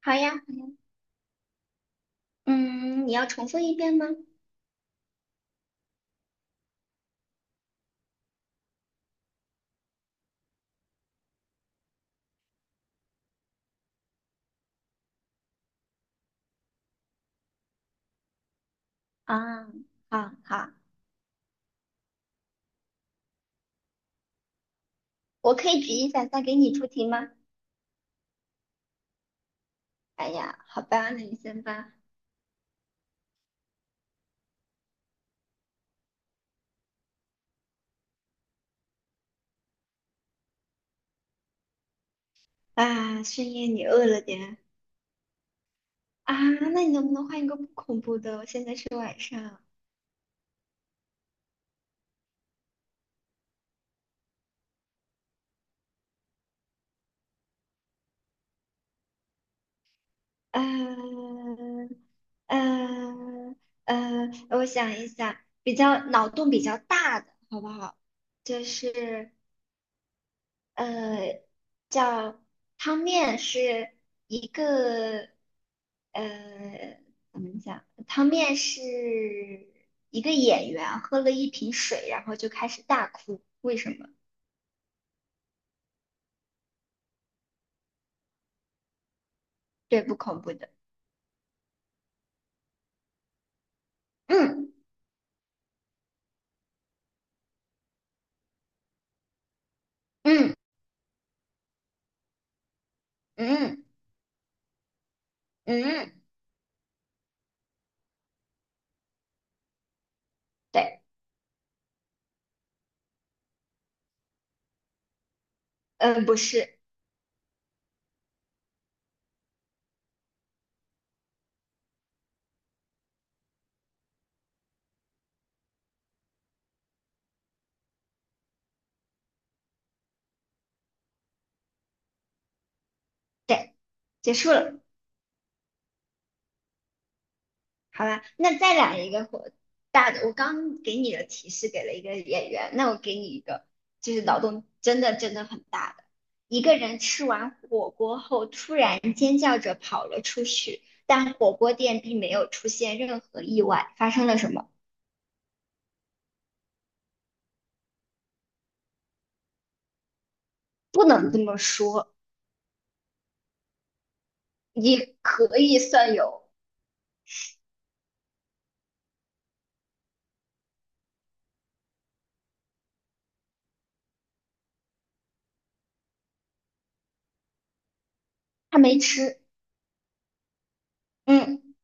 好呀，好呀。嗯，你要重复一遍吗？啊，好好，我可以举一反三给你出题吗？哎呀，好吧，那你先吧。啊，深夜你饿了点。啊？那你能不能换一个不恐怖的？我现在是晚上。嗯嗯嗯。我想一想，比较脑洞比较大的，好不好？就是呃，叫汤面是一个，呃，怎么讲？汤面是一个演员喝了一瓶水，然后就开始大哭，为什么？对，不恐怖的。嗯嗯嗯嗯。嗯，对。嗯，不是。对，结束了。好吧，那再来一个火大的。我刚给你的提示给了一个演员，那我给你一个，就是脑洞真的真的很大的。一个人吃完火锅后，突然尖叫着跑了出去，但火锅店并没有出现任何意外，发生了什么？不能这么说。也可以算有。他没吃。嗯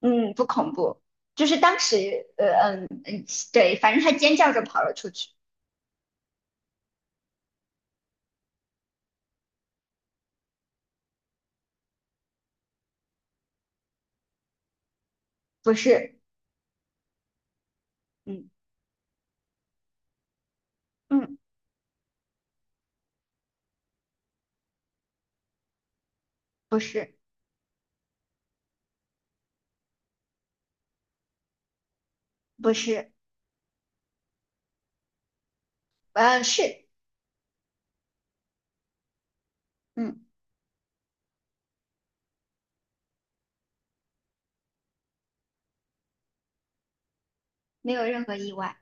嗯，不恐怖。就是当时，嗯嗯，对，反正他尖叫着跑了出去。不是。嗯嗯。不是。不是，是。嗯，没有任何意外。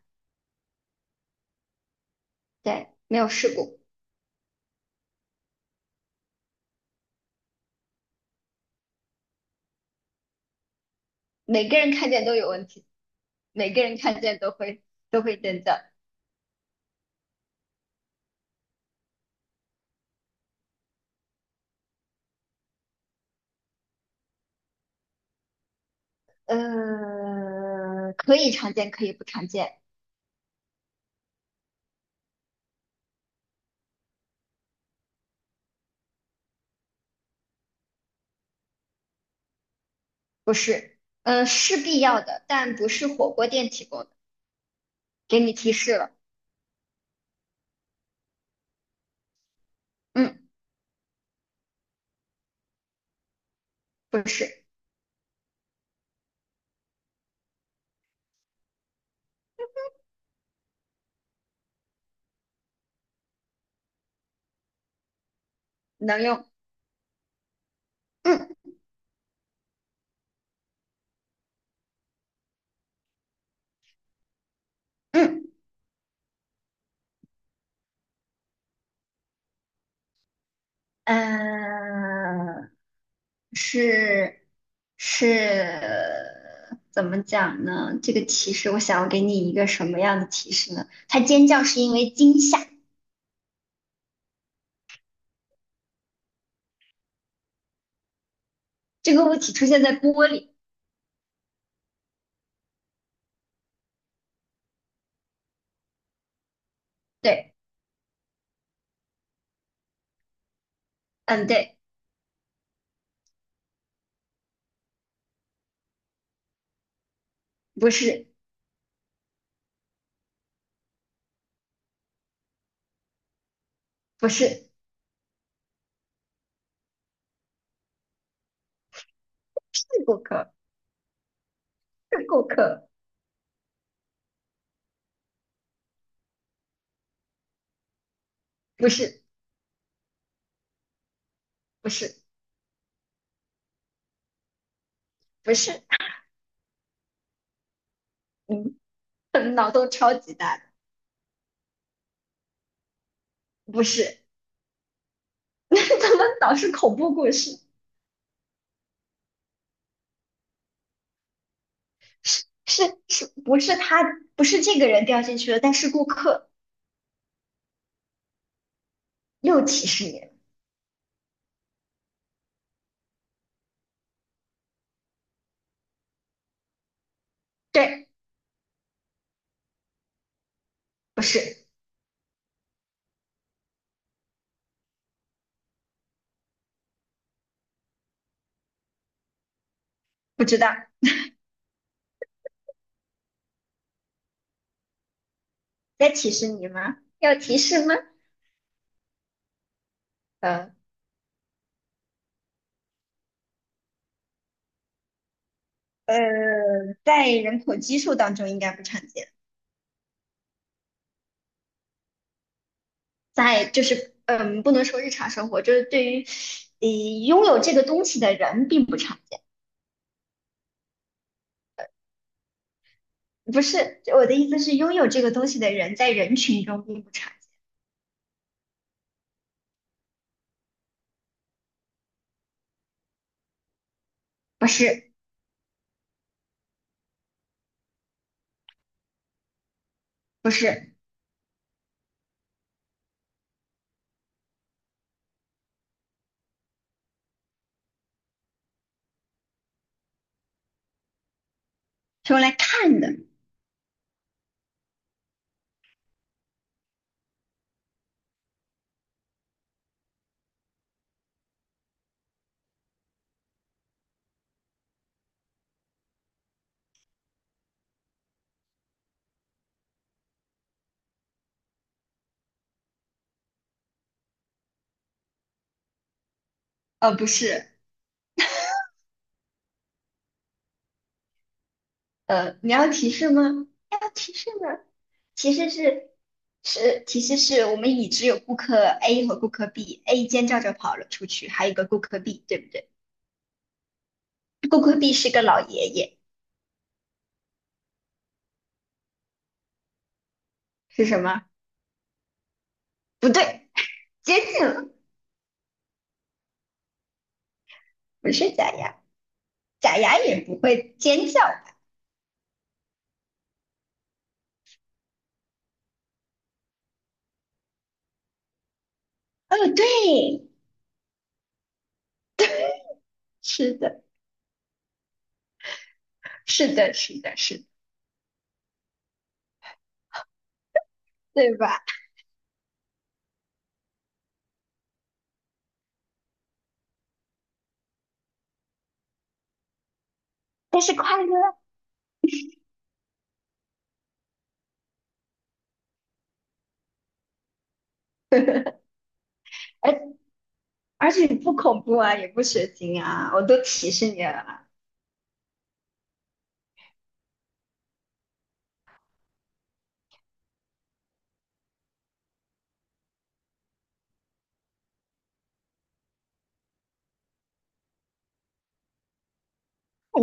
对，没有事故。每个人看见都有问题。每个人看见都会真的。可以常见，可以不常见。不是，是必要的，但不是火锅店提供的。给你提示了。嗯，不是。能用。嗯嗯。嗯，是是，怎么讲呢？这个提示，我想要给你一个什么样的提示呢？他尖叫是因为惊吓。这个物体出现在玻璃。对。嗯，对。不是。不是。是顾客，是顾客。不是。不是。不是。嗯，可能脑洞超级大的。不是。怎么老是恐怖故事？是是是，不是他。不是这个人掉进去了，但是顾客。又提示你。对。不是。不知道。在提示你吗？要提示吗？呃，呃，在人口基数当中应该不常见。在就是不能说日常生活，就是对于呃拥有这个东西的人并不常见。不是，我的意思是拥有这个东西的人在人群中并不常见。不是。不是。是用来看的。不是。你要提示吗？要提示吗？提示是是提示是我们已知有顾客 A 和顾客 B，A 尖叫着跑了出去，还有一个顾客 B，对不对？顾客 B 是个老爷爷，是什么？不对。接近了。不是假牙。假牙也不会尖叫吧？哦，对。是的，是的，是的，是的，对吧？但是快乐。而而且不恐怖啊，也不血腥啊，我都提示你了。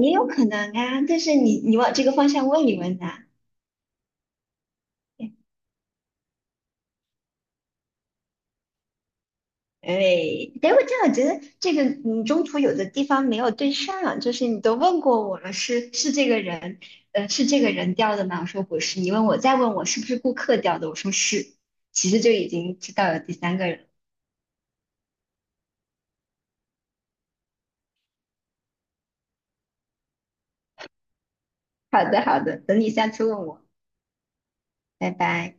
也有可能啊，但是你往这个方向问一问呐。哎，等会这样，我觉得这个你中途有的地方没有对上，就是你都问过我了，是这个人，是这个人掉的吗？我说不是。你问我再问我是不是顾客掉的，我说是，其实就已经知道了第三个人。好的好的，等你下次问我。拜拜。